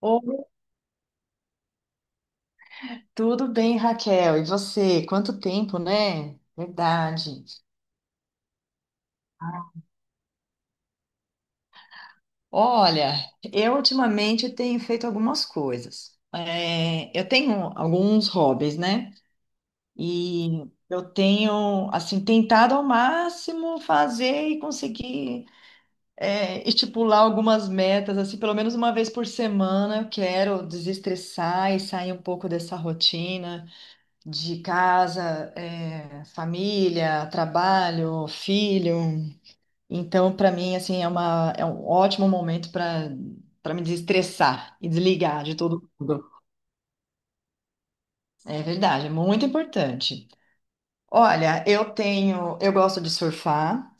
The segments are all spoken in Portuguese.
Oi, tudo bem, Raquel? E você? Quanto tempo, né? Verdade. Olha, eu ultimamente tenho feito algumas coisas. Eu tenho alguns hobbies, né? E eu tenho, assim, tentado ao máximo fazer e conseguir estipular algumas metas, assim, pelo menos uma vez por semana eu quero desestressar e sair um pouco dessa rotina. De casa, é, família, trabalho, filho. Então, para mim, assim, é um ótimo momento para me desestressar e desligar de todo mundo. É verdade, é muito importante. Olha, eu gosto de surfar,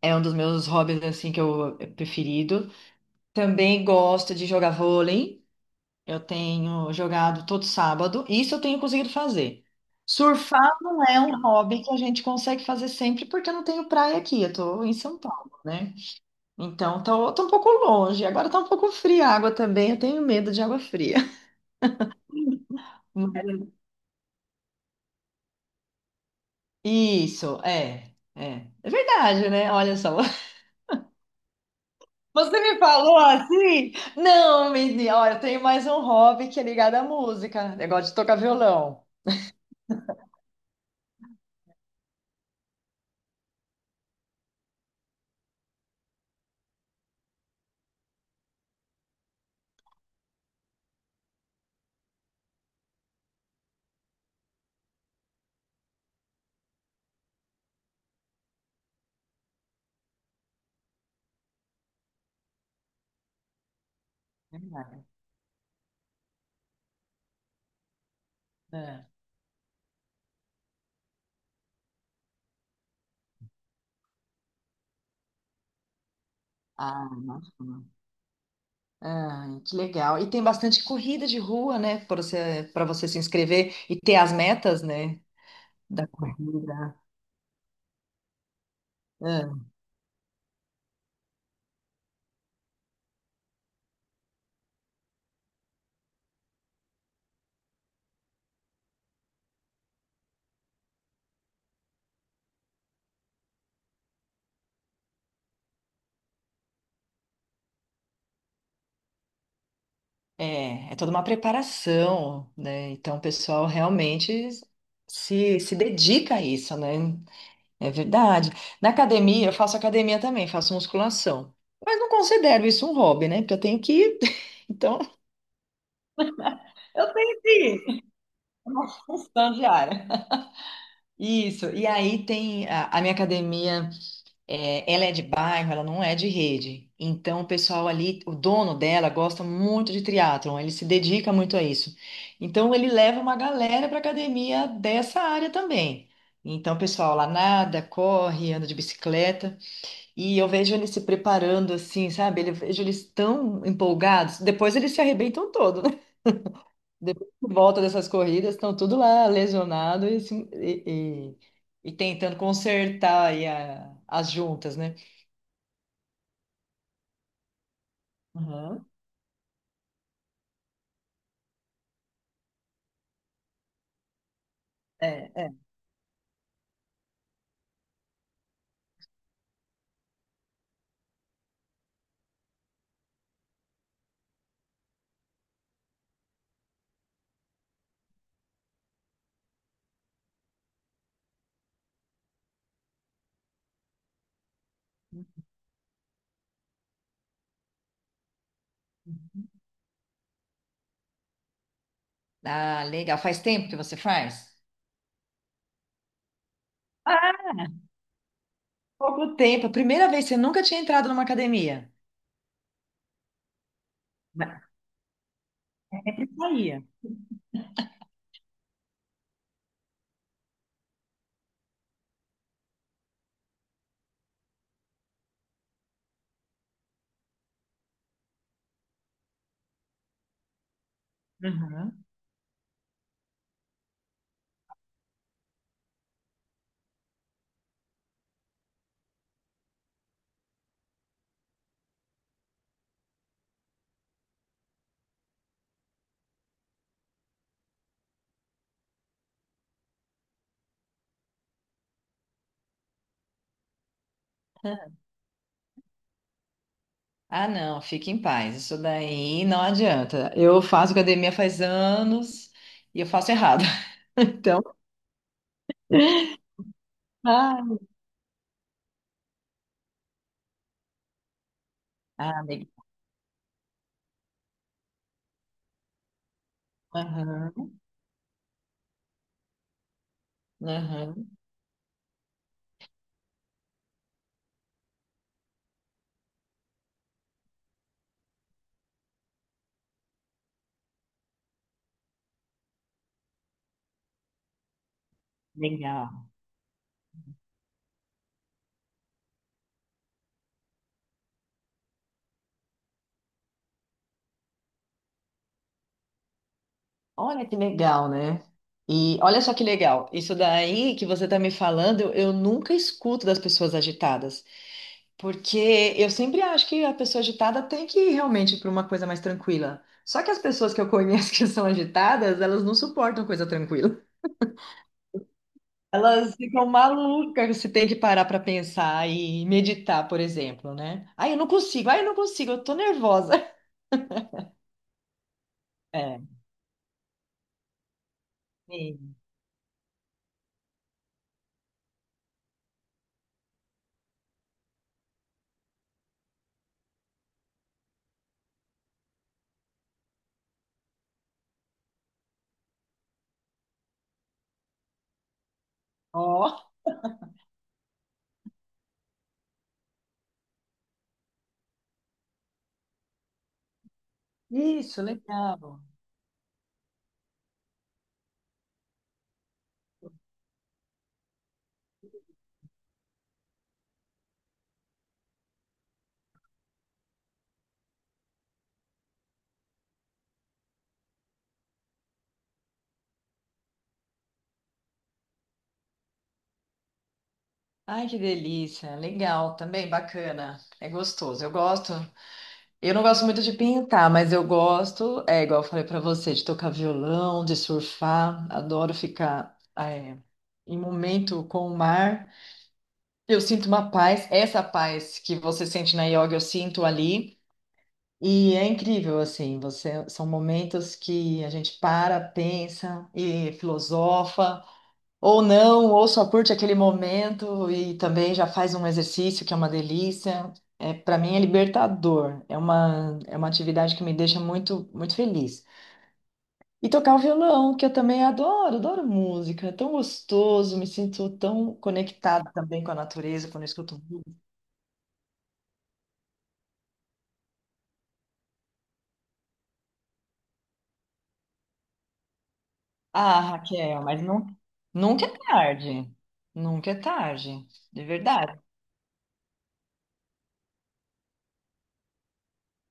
é um dos meus hobbies assim que eu é preferido. Também gosto de jogar vôlei. Eu tenho jogado todo sábado, isso eu tenho conseguido fazer. Surfar não é um hobby que a gente consegue fazer sempre, porque eu não tenho praia aqui, eu tô em São Paulo, né? Então tô um pouco longe. Agora tá um pouco fria a água também, eu tenho medo de água fria. Isso, é. É verdade, né? Olha só. Você me falou assim? Não, menina, olha, eu tenho mais um hobby que é ligado à música, negócio de tocar violão. É verdade. É. Ah, nossa. Ai, que legal. E tem bastante corrida de rua, né? Para para você se inscrever e ter as metas, né? Da corrida. Ah, é, é toda uma preparação, né? Então, o pessoal realmente se dedica a isso, né? É verdade. Na academia, eu faço academia também, faço musculação. Mas não considero isso um hobby, né? Porque eu tenho que ir. Então, eu tenho que ir. Função diária. Isso. E aí tem a minha academia. É, ela é de bairro, ela não é de rede. Então, o pessoal ali, o dono dela gosta muito de triatlon, ele se dedica muito a isso. Então, ele leva uma galera para academia dessa área também. Então, o pessoal lá nada, corre, anda de bicicleta, e eu vejo eles se preparando assim, sabe? Eu vejo eles tão empolgados. Depois eles se arrebentam todo, né? Depois que volta dessas corridas, estão tudo lá lesionado e tentando consertar as juntas, né? Aham. É, é. Ah, legal. Faz tempo que você faz? Ah, pouco tempo. Primeira vez, você nunca tinha entrado numa academia. Mas sempre saía. Aham. Ah, não, fique em paz. Isso daí não adianta. Eu faço academia faz anos e eu faço errado. Então, ah, ah, legal. Aham. Aham. Legal. Olha que legal, né? E olha só que legal. Isso daí que você tá me falando, eu nunca escuto das pessoas agitadas. Porque eu sempre acho que a pessoa agitada tem que ir realmente para uma coisa mais tranquila. Só que as pessoas que eu conheço que são agitadas, elas não suportam coisa tranquila. Elas ficam malucas se tem que parar para pensar e meditar, por exemplo, né? Ai, eu não consigo, ai, eu não consigo, eu tô nervosa. É. Sim. Ó, isso, legal. Ai, que delícia, legal também, bacana. É gostoso, eu gosto. Eu não gosto muito de pintar, mas eu gosto, é igual eu falei pra você, de tocar violão, de surfar. Adoro ficar em momento com o mar. Eu sinto uma paz, essa paz que você sente na yoga, eu sinto ali. E é incrível, assim, você, são momentos que a gente para, pensa e filosofa. Ou não, ou só curte aquele momento e também já faz um exercício que é uma delícia. É, para mim é libertador. É uma atividade que me deixa muito, muito feliz. E tocar o violão, que eu também adoro, adoro música. É tão gostoso, me sinto tão conectada também com a natureza quando eu escuto música. Ah, Raquel, mas não, nunca é tarde. Nunca é tarde, de verdade.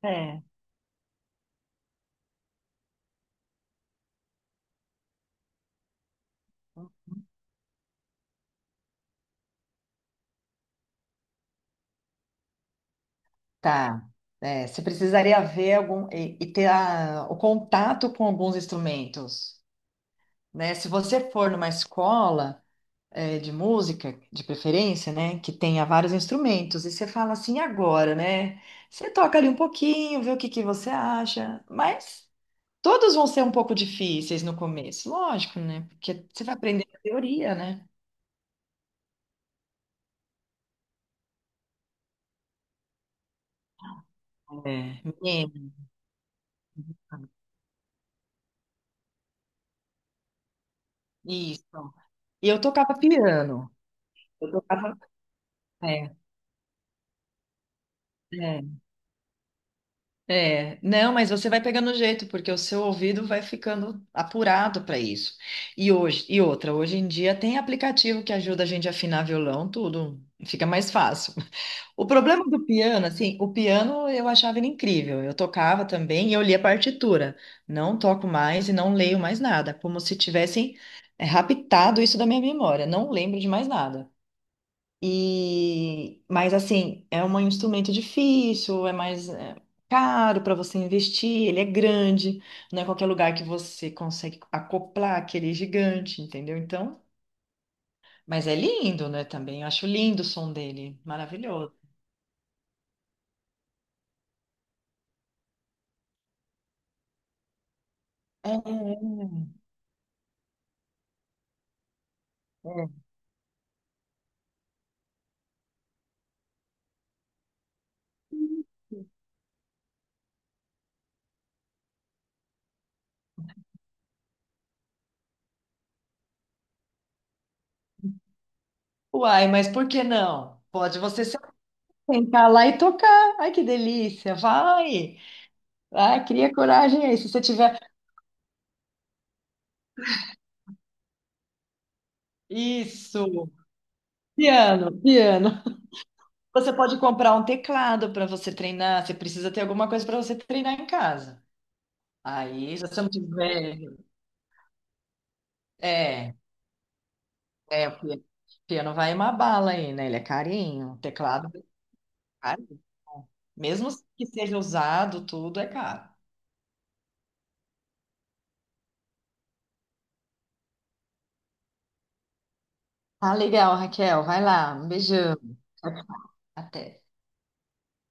É. Tá. É, você precisaria ver e ter o contato com alguns instrumentos, né? Se você for numa escola é, de música, de preferência, né, que tenha vários instrumentos, e você fala assim agora, né? Você toca ali um pouquinho, vê o que que você acha, mas todos vão ser um pouco difíceis no começo, lógico, né? Porque você vai aprender a teoria, né? É, menina, isso. E eu tocava piano. Eu tocava, é. É. É, não, mas você vai pegando o jeito, porque o seu ouvido vai ficando apurado para isso. E hoje, e outra, hoje em dia tem aplicativo que ajuda a gente a afinar violão, tudo fica mais fácil. O problema do piano, assim, o piano eu achava ele incrível. Eu tocava também e eu lia partitura. Não toco mais e não leio mais nada, como se tivessem raptado isso da minha memória. Não lembro de mais nada. E, mas assim, é um instrumento difícil, caro para você investir, ele é grande, não é qualquer lugar que você consegue acoplar aquele gigante, entendeu? Então, mas é lindo, né, também. Eu acho lindo o som dele, maravilhoso. É, é. Uai, mas por que não? Pode você se sentar lá e tocar. Ai, que delícia! Vai! Ai cria coragem aí. Se você tiver. Isso! Piano, piano. Você pode comprar um teclado para você treinar, você precisa ter alguma coisa para você treinar em casa. Aí, se você não tiver. É, o piano vai uma bala aí, né? Ele é carinho, o teclado é caro. Mesmo que seja usado, tudo é caro. Tá legal, Raquel, vai lá, um beijão. Até.